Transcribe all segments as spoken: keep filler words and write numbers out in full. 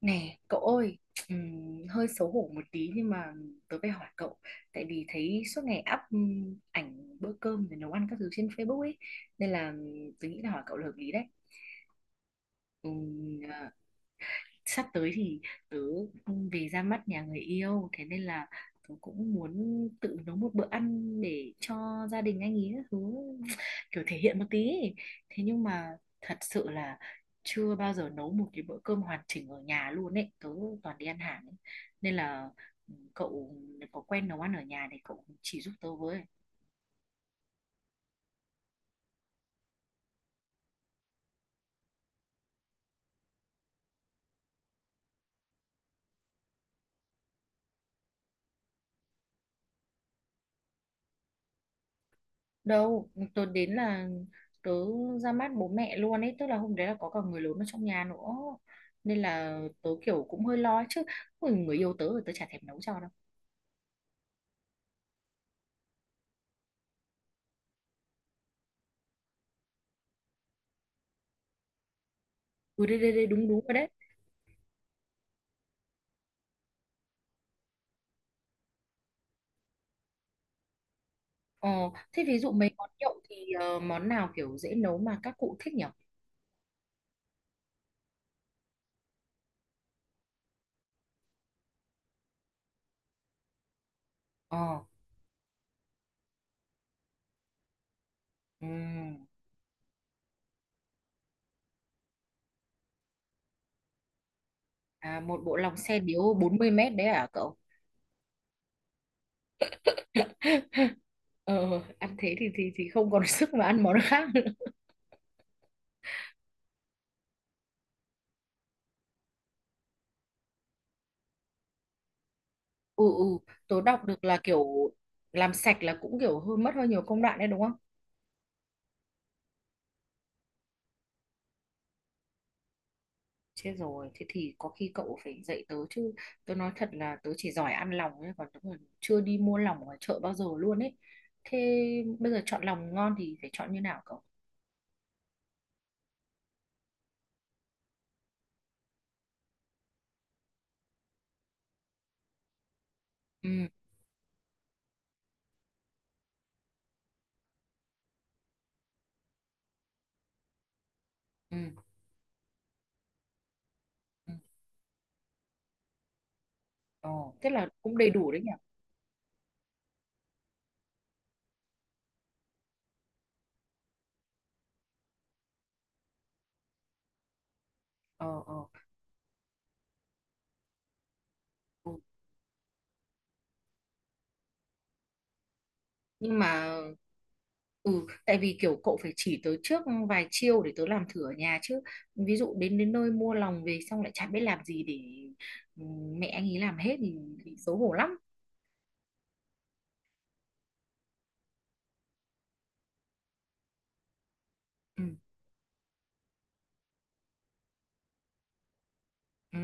Nè, cậu ơi, ừm, hơi xấu hổ một tí nhưng mà tớ phải hỏi cậu, tại vì thấy suốt ngày up ừm, ảnh bữa cơm rồi nấu ăn các thứ trên Facebook ấy, nên là ừm, tớ nghĩ là hỏi cậu là hợp lý đấy. Ừm, à, Sắp tới thì tớ về ra mắt nhà người yêu, thế nên là tớ cũng muốn tự nấu một bữa ăn để cho gia đình anh ý các thứ, kiểu thể hiện một tí ấy. Thế nhưng mà thật sự là chưa bao giờ nấu một cái bữa cơm hoàn chỉnh ở nhà luôn ấy, tớ toàn đi ăn hàng ấy. Nên là ừ, cậu có quen nấu ăn ở nhà thì cậu chỉ giúp tớ với. Đâu, tớ đến là tớ ra mắt bố mẹ luôn ấy, tức là hôm đấy là có cả người lớn ở trong nhà nữa, nên là tớ kiểu cũng hơi lo ấy chứ. Ôi, người yêu tớ rồi tớ chả thèm nấu cho đâu. Ừ, đây đây đây, đúng đúng rồi đấy. Ờ, thế ví dụ mấy món nhậu thì ờ, món nào kiểu dễ nấu mà các cụ thích nhỉ? ờ ừm, à, Một bộ lòng xe điếu bốn mươi mét đấy à cậu? ờ Ăn thế thì thì thì không còn sức mà ăn món khác nữa. Ừ, ừ, tớ đọc được là kiểu làm sạch là cũng kiểu hơi mất hơi nhiều công đoạn đấy đúng không? Chết rồi, thế thì có khi cậu phải dạy tớ chứ. Tớ nói thật là tớ chỉ giỏi ăn lòng thôi, còn tớ còn chưa đi mua lòng ở chợ bao giờ luôn ấy. Thế bây giờ chọn lòng ngon thì phải chọn như nào cậu? Ừ, ừ, ừ. Ồ, thế là cũng đầy đủ đấy nhỉ? Ờ, ờ. Ừ. Nhưng mà ừ, tại vì kiểu cậu phải chỉ tớ trước vài chiêu để tớ làm thử ở nhà chứ. Ví dụ đến đến nơi mua lòng về xong lại chả biết làm gì, để ừ, mẹ anh ấy làm hết thì, thì xấu hổ lắm. Ừ. Ừ.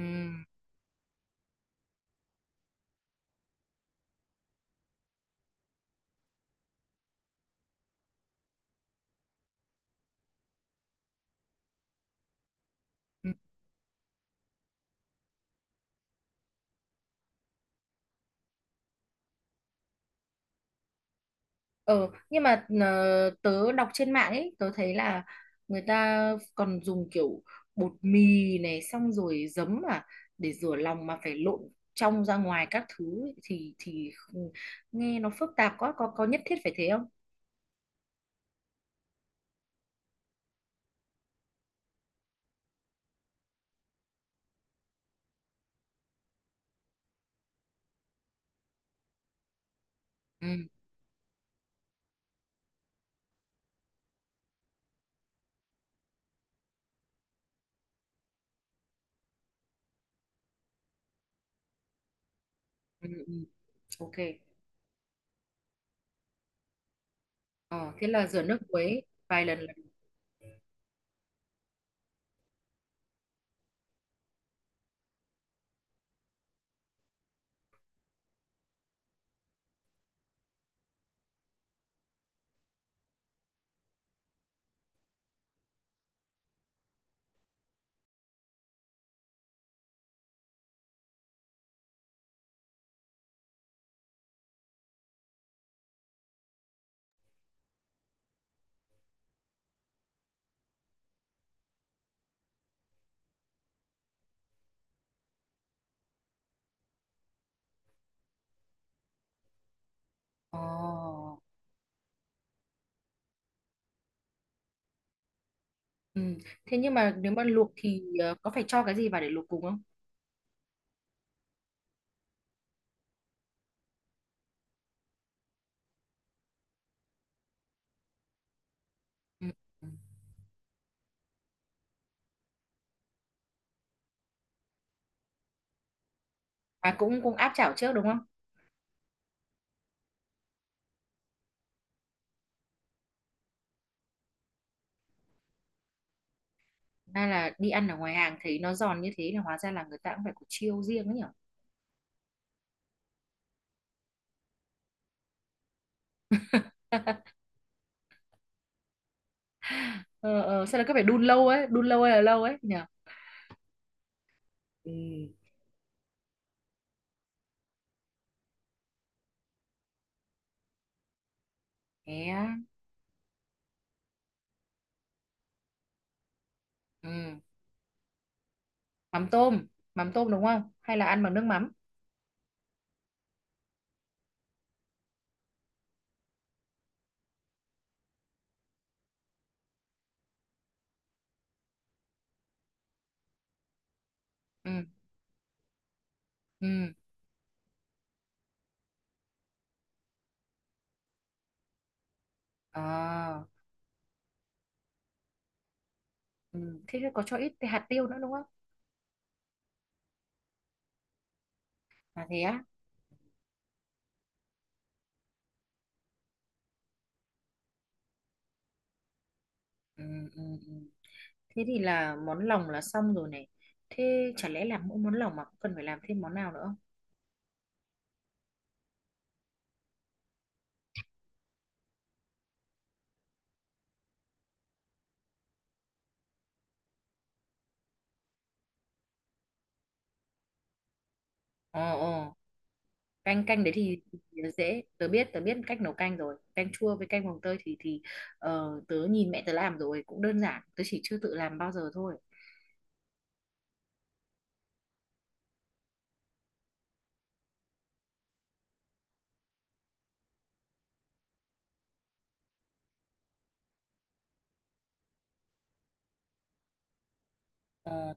Ừ, nhưng mà ờ, tớ đọc trên mạng ấy, tớ thấy là người ta còn dùng kiểu bột mì này, xong rồi giấm à, để rửa lòng mà phải lộn trong ra ngoài các thứ ấy, thì thì không- nghe nó phức tạp quá, có có nhất thiết phải thế không? Ừ, ừ, ừ, ok. Ờ, thế là rửa nước muối vài lần là được. Ồ. Ừ. Thế nhưng mà nếu mà luộc thì ờ, có phải cho cái gì vào để luộc cùng không? Ừ. Ừ. À, cũng cũng áp chảo trước đúng không? Hay là đi ăn ở ngoài hàng thấy nó giòn như thế, là hóa ra là người ta cũng phải có chiêu riêng ấy nhở. ờ, ờ, Sao là cứ phải đun lâu ấy, đun lâu hay là lâu ấy nhở? Ừ. Thế á. Ừ. Mắm tôm, mắm tôm đúng không? Hay là ăn bằng nước mắm? Ừ. Ừ. Ờ. Ừ. Thế thì có cho ít cái hạt tiêu nữa đúng không? À thế á. Ừ. Ừ. Ừ. Thế thì là món lòng là xong rồi này. Thế chả lẽ làm mỗi món lòng mà cũng cần phải làm thêm món nào nữa không? Ờ ờ. Canh canh đấy thì, thì dễ, tớ biết tớ biết cách nấu canh rồi, canh chua với canh mồng tơi thì thì ờ, tớ nhìn mẹ tớ làm rồi cũng đơn giản, tớ chỉ chưa tự làm bao giờ thôi. Ờ,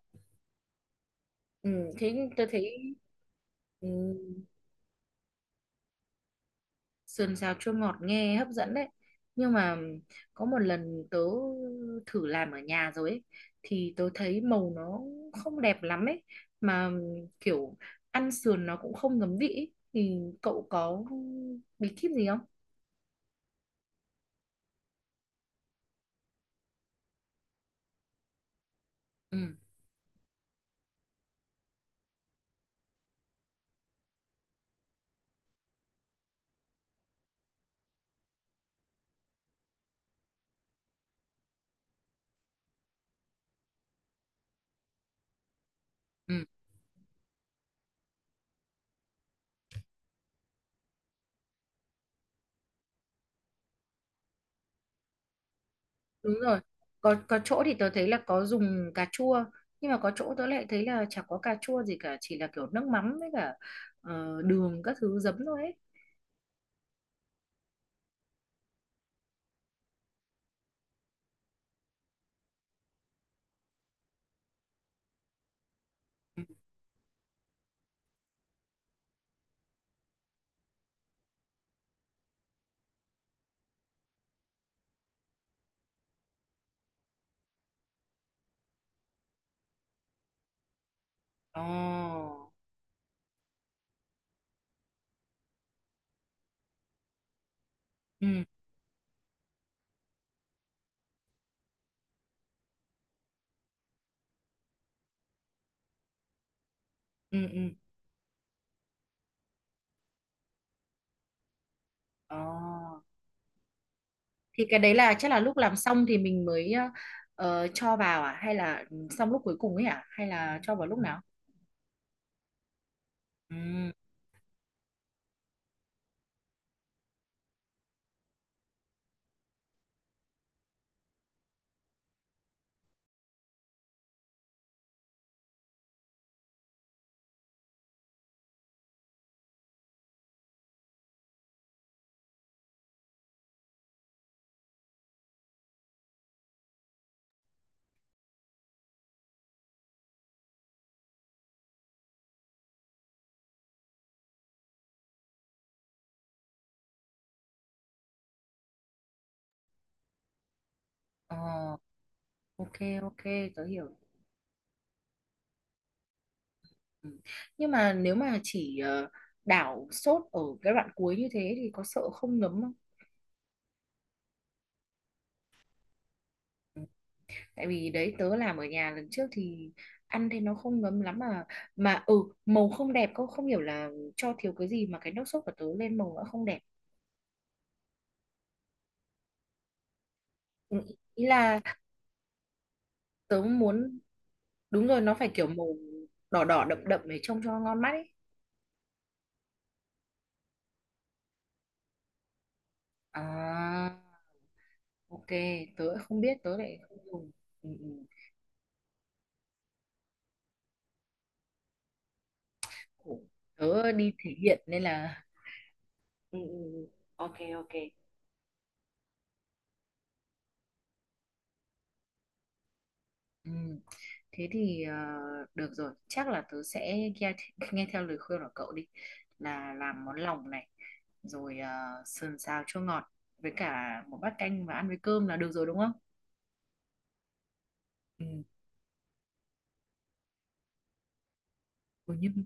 ừ, thế tớ thấy ừ, sườn xào chua ngọt nghe hấp dẫn đấy. Nhưng mà có một lần tớ thử làm ở nhà rồi ấy, thì tớ thấy màu nó không đẹp lắm ấy, mà kiểu ăn sườn nó cũng không ngấm vị ấy. Thì cậu có bí kíp gì không? Ừ. Ừ, đúng rồi, có có chỗ thì tớ thấy là có dùng cà chua, nhưng mà có chỗ tớ lại thấy là chả có cà chua gì cả, chỉ là kiểu nước mắm với cả ờ, đường các thứ, giấm thôi ấy. Ừ. Ồ. Ừ, ừ, ừ. Ồ. Thì cái đấy là chắc là lúc làm xong thì mình mới ờ, ờ, cho vào à, hay là xong lúc cuối cùng ấy à, hay là cho vào lúc nào? Ừ. Ồ. Ok, ok, tớ hiểu. Ừ. Nhưng mà nếu mà chỉ ờ, đảo sốt ở cái đoạn cuối như thế thì có sợ không ngấm không? Tại vì đấy tớ làm ở nhà lần trước thì ăn thì nó không ngấm lắm, mà mà ừ màu không đẹp, cô không hiểu là cho thiếu cái gì mà cái nước sốt của tớ lên màu nó không đẹp. Ừ, ý là tớ muốn, đúng rồi, nó phải kiểu màu đỏ đỏ đậm đậm để trông cho ngon mắt ấy. À, ok, tớ lại không biết, tớ lại không dùng. Ừ, ừ. Khổ. Tớ đi thể hiện nên là ừ, ừ, ừ. Ok, ok. Ừ. Thế thì ờ, được rồi, chắc là tớ sẽ nghe, nghe theo lời khuyên của cậu đi, là làm món lòng này, rồi ờ, sườn xào chua ngọt với cả một bát canh và ăn với cơm là được rồi đúng không? Ừ. Ôi, nhưng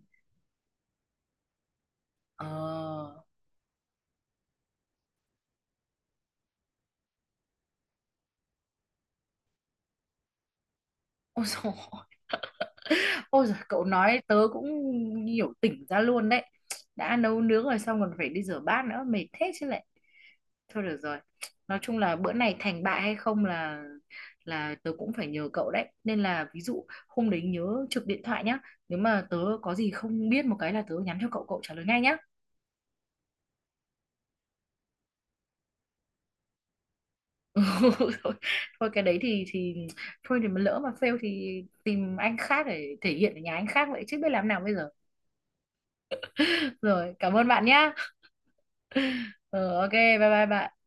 Ờ, ôi dồi, ôi dồi, cậu nói tớ cũng hiểu, tỉnh ra luôn đấy. Đã nấu nướng rồi xong còn phải đi rửa bát nữa, mệt thế chứ lại. Thôi được rồi. Nói chung là bữa này thành bại hay không là là tớ cũng phải nhờ cậu đấy. Nên là ví dụ hôm đấy nhớ trực điện thoại nhá. Nếu mà tớ có gì không biết một cái là tớ nhắn cho cậu, cậu trả lời ngay nhá. Thôi, thôi cái đấy thì thì thôi, thì mà lỡ mà fail thì tìm anh khác để thể hiện ở nhà anh khác vậy chứ biết làm nào bây giờ. Rồi, cảm ơn bạn nhá. Ờ ok, bye bye bạn.